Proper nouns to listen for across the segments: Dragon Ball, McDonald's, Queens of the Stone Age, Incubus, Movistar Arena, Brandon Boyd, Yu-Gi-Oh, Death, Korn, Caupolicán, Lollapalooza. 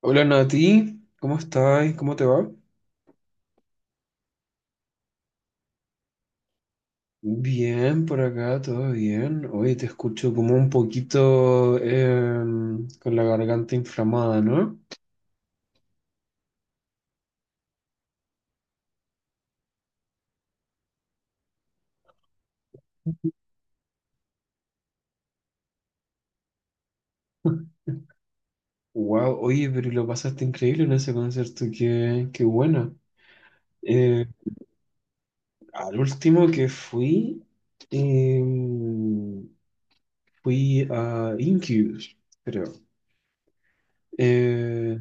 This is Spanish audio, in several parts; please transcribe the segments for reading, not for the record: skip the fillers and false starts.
Hola Nati, ¿cómo estás? ¿Cómo te va? Bien, por acá, todo bien. Oye, te escucho como un poquito con la garganta inflamada, ¿no? Wow, oye, pero lo pasaste increíble en ese concierto, qué bueno. Eh, Al último que fui, em, fui a Incubus, creo. Eh,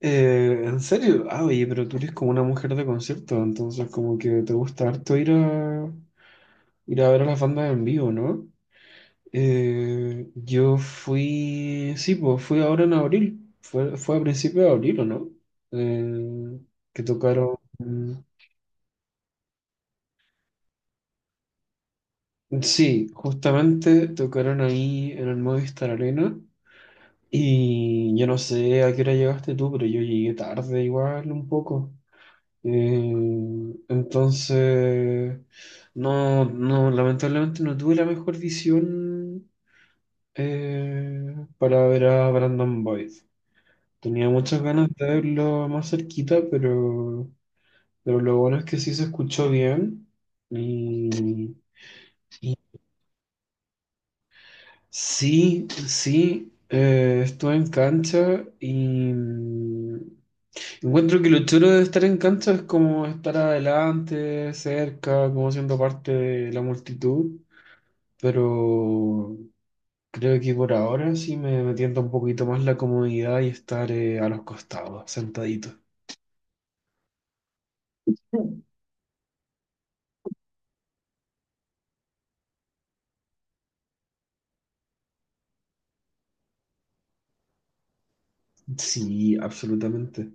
¿En serio? Ah, oye, pero tú eres como una mujer de concierto, entonces como que te gusta harto ir a ver a las bandas en vivo, ¿no? Yo fui, sí, pues fui ahora en abril, fue a principios de abril, ¿o no? Eh, que tocaron, sí, justamente tocaron ahí en el Movistar Arena y yo no sé a qué hora llegaste tú, pero yo llegué tarde igual un poco. Eh, entonces, no, no, lamentablemente no tuve la mejor visión para ver a Brandon Boyd. Tenía muchas ganas de verlo más cerquita, pero lo bueno es que sí se escuchó bien. Y sí, sí, estuve en cancha y encuentro que lo chulo de estar en cancha es como estar adelante, cerca, como siendo parte de la multitud, pero creo que por ahora sí me tienta un poquito más la comodidad y estar a los costados, sentadito. Mm. Sí, absolutamente.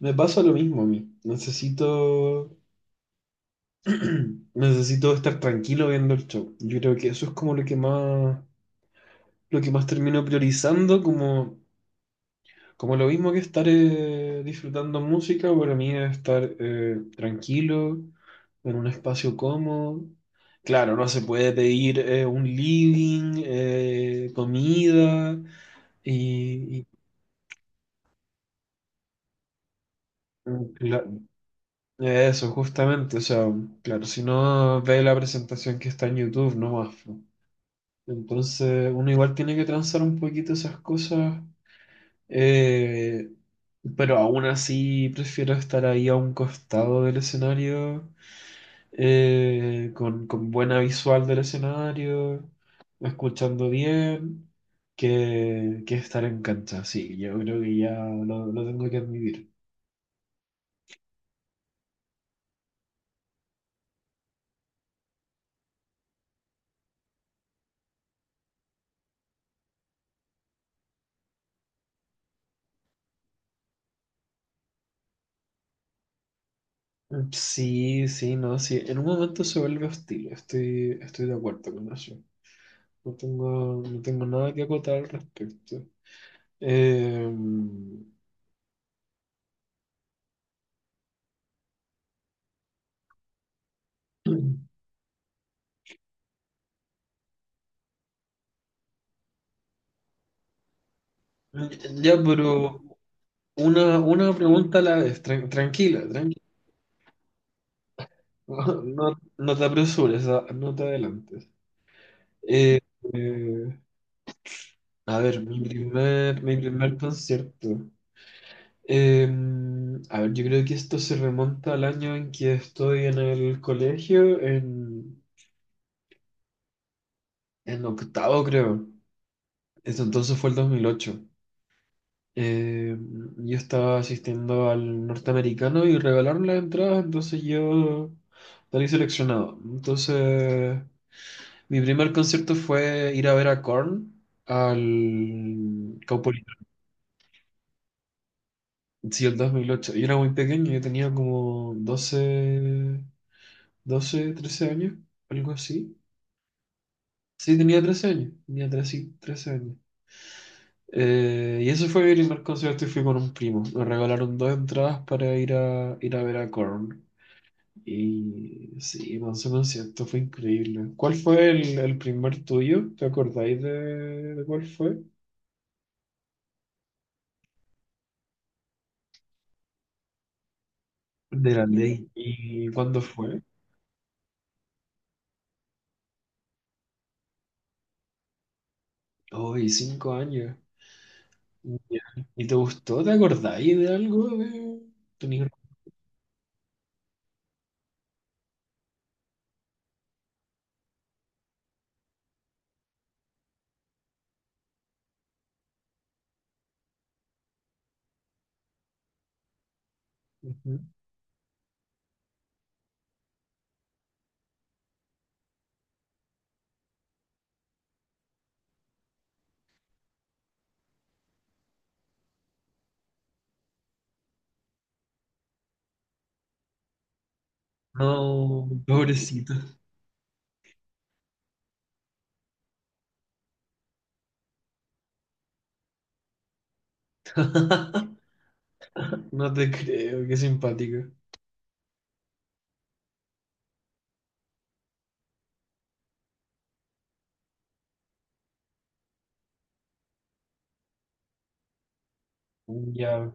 Me pasa lo mismo a mí. Necesito, necesito estar tranquilo viendo el show. Yo creo que eso es como lo que más termino priorizando, como lo mismo que estar disfrutando música, para mí es estar tranquilo, en un espacio cómodo. Claro, no se puede pedir un living, comida y, y- la- eso, justamente. O sea, claro, si no ve la presentación que está en YouTube, no más. Entonces, uno igual tiene que transar un poquito esas cosas. Eh, pero aún así prefiero estar ahí a un costado del escenario, con buena visual del escenario, escuchando bien, que estar en cancha. Sí, yo creo que ya lo tengo que admitir. Sí, sí, no, sí. En un momento se vuelve hostil, estoy de acuerdo con eso. No tengo nada que acotar al respecto. Eh, ya, pero una pregunta a la vez, tranquila. No, no te apresures, ah, no te adelantes. Eh, eh, a ver, mi primer concierto. Eh, a ver, yo creo que esto se remonta al año en que estoy en el colegio, en octavo creo. Eso entonces fue el 2008. Eh, yo estaba asistiendo al norteamericano y regalaron las entradas, entonces yo salí seleccionado. Entonces, mi primer concierto fue ir a ver a Korn al Caupolicán. Sí, el 2008. Yo era muy pequeño, yo tenía como 12, 12, 13 años, algo así. Sí, tenía 13 años, tenía 13, 13 años. Y ese fue mi primer concierto y fui con un primo. Me regalaron dos entradas para ir a ver a Korn. Y sí, man, ese concierto fue increíble. ¿Cuál fue el primer tuyo? ¿Te acordáis de cuál fue? De la ley. ¿Y cuándo fue? Hoy, 5 años. Ya. ¿Y te gustó? ¿Te acordáis de algo? ¿Tenéis- Ujú. No, pobrecito. No te creo, qué simpático. Ya.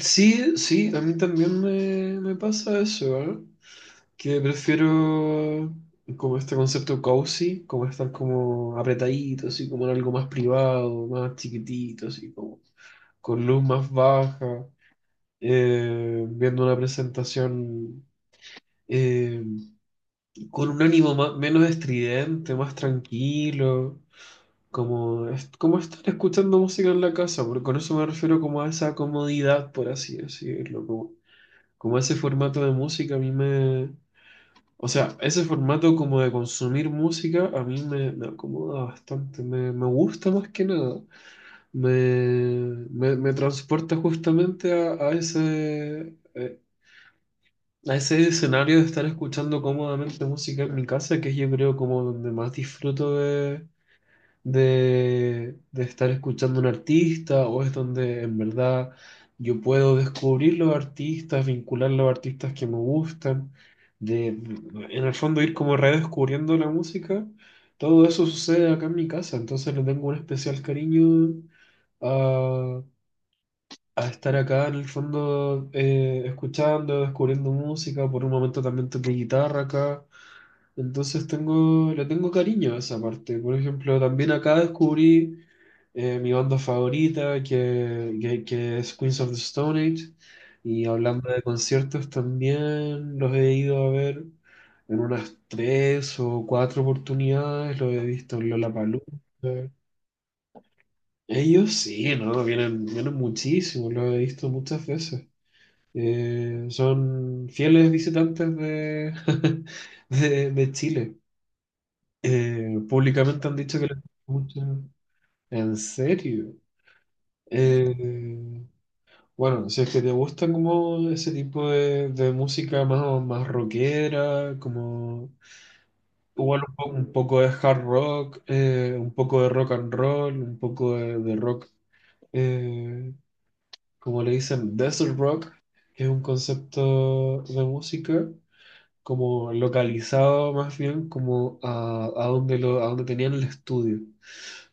Sí, sí, a mí también me pasa eso, ¿eh? Que prefiero como este concepto cozy, como estar como apretadito, así como en algo más privado, más chiquitito, así como con luz más baja. Viendo una presentación eh, con un ánimo menos estridente, más tranquilo, como, como estar escuchando música en la casa, porque con eso me refiero como a esa comodidad, por así decirlo, como ese formato de música a mí me. O sea, ese formato como de consumir música a mí me acomoda bastante, me gusta más que nada. Me, me transporta justamente a ese escenario de estar escuchando cómodamente música en mi casa, que es yo creo como donde más disfruto de estar escuchando un artista, o es donde en verdad yo puedo descubrir los artistas, vincular los artistas que me gustan, en el fondo ir como redescubriendo la música. Todo eso sucede acá en mi casa, entonces le tengo un especial cariño a estar acá en el fondo escuchando, descubriendo música, por un momento también toqué guitarra acá, entonces le tengo cariño a esa parte. Por ejemplo, también acá descubrí mi banda favorita, que es Queens of the Stone Age, y hablando de conciertos también los he ido a ver en unas 3 o 4 oportunidades, los he visto en Lollapalooza. Ellos sí, ¿no? Vienen muchísimo, los he visto muchas veces. Son fieles visitantes de, de Chile. Públicamente han dicho que les gusta mucho. ¿En serio? Eh, bueno, si es que te gusta como ese tipo de música más rockera, como igual un poco, de hard rock, un poco de rock and roll, un poco de rock, eh, como le dicen, desert rock, que es un concepto de música. Como localizado más bien como a donde lo, a donde tenían el estudio,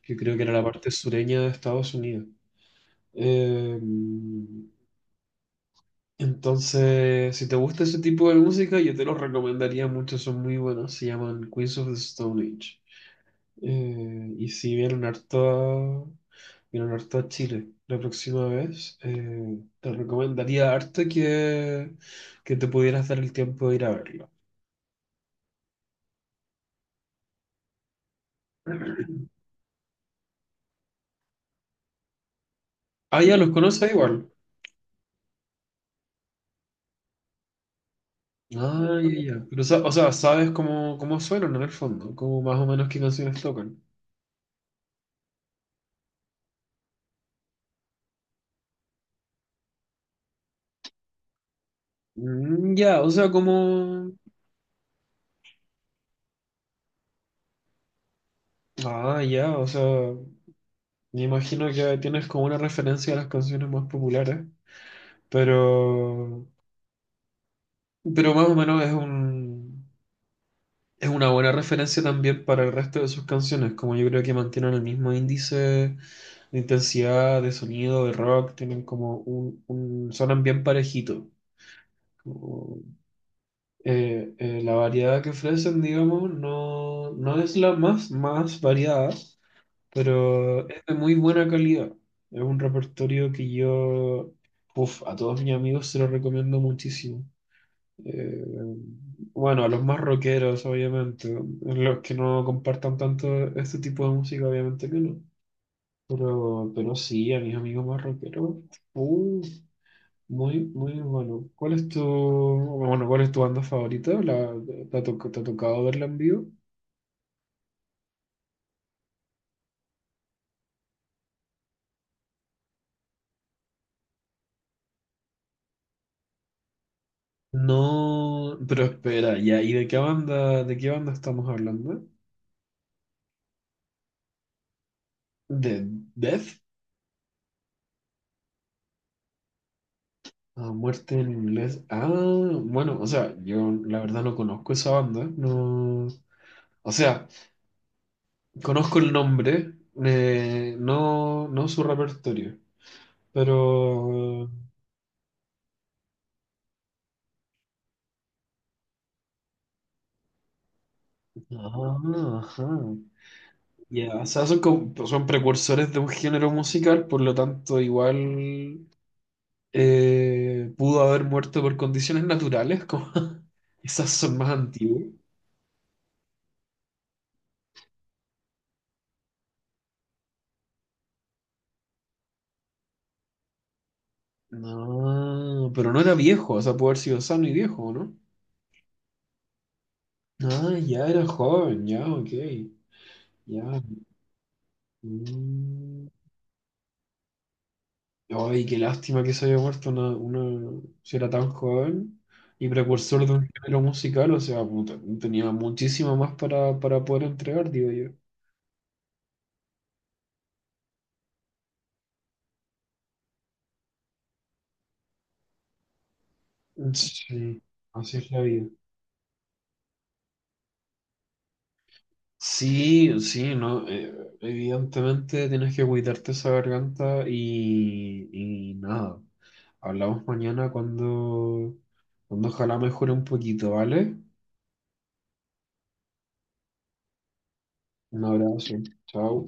que creo que era la parte sureña de Estados Unidos. Eh, entonces, si te gusta ese tipo de música, yo te los recomendaría mucho, son muy buenos, se llaman Queens of the Stone Age. Y si vienen harto, vienen harto a Chile la próxima vez, te recomendaría harto que te pudieras dar el tiempo de ir a verlo. Ah, ya los conoces igual. Ah, ya, ya. Pero, o sea, sabes cómo, suenan en el fondo, como más o menos qué canciones tocan. Mm, ya, o sea, como. Ah, ya, o sea, me imagino que tienes como una referencia a las canciones más populares, pero. Pero más o menos es un. Es una buena referencia también para el resto de sus canciones, como yo creo que mantienen el mismo índice de intensidad, de sonido, de rock, tienen como sonan bien parejitos. La variedad que ofrecen, digamos, no, no es la más variada, pero es de muy buena calidad. Es un repertorio que yo, uf, a todos mis amigos se lo recomiendo muchísimo. Eh, bueno, a los más rockeros, obviamente, los que no compartan tanto este tipo de música, obviamente que no. Pero sí, a mis amigos más rockeros, uf, muy, muy bueno. ¿Cuál es tu, bueno, cuál es tu banda favorita? ¿La, te ha, toc- te ha tocado verla en vivo? No, pero espera, ya, ¿y de qué banda estamos hablando? ¿De Death? Ah, muerte en inglés. Ah, bueno, o sea, yo la verdad no conozco esa banda, no, o sea, conozco el nombre, no, no su repertorio, pero. Ah, ajá. Ya, o sea, son precursores de un género musical, por lo tanto, igual pudo haber muerto por condiciones naturales, como esas son más antiguas. No, pero no era viejo, o sea, pudo haber sido sano y viejo, ¿no? Ah, ya era joven, ya, ok, ya. Mm. Ay, qué lástima que se haya muerto si era tan joven y precursor de un género musical, o sea, puta, tenía muchísimo más para poder entregar, digo yo. Sí, así es la vida. Sí, sí, no, evidentemente tienes que cuidarte esa garganta y nada. Hablamos mañana cuando ojalá mejore un poquito, ¿vale? Un abrazo, chao.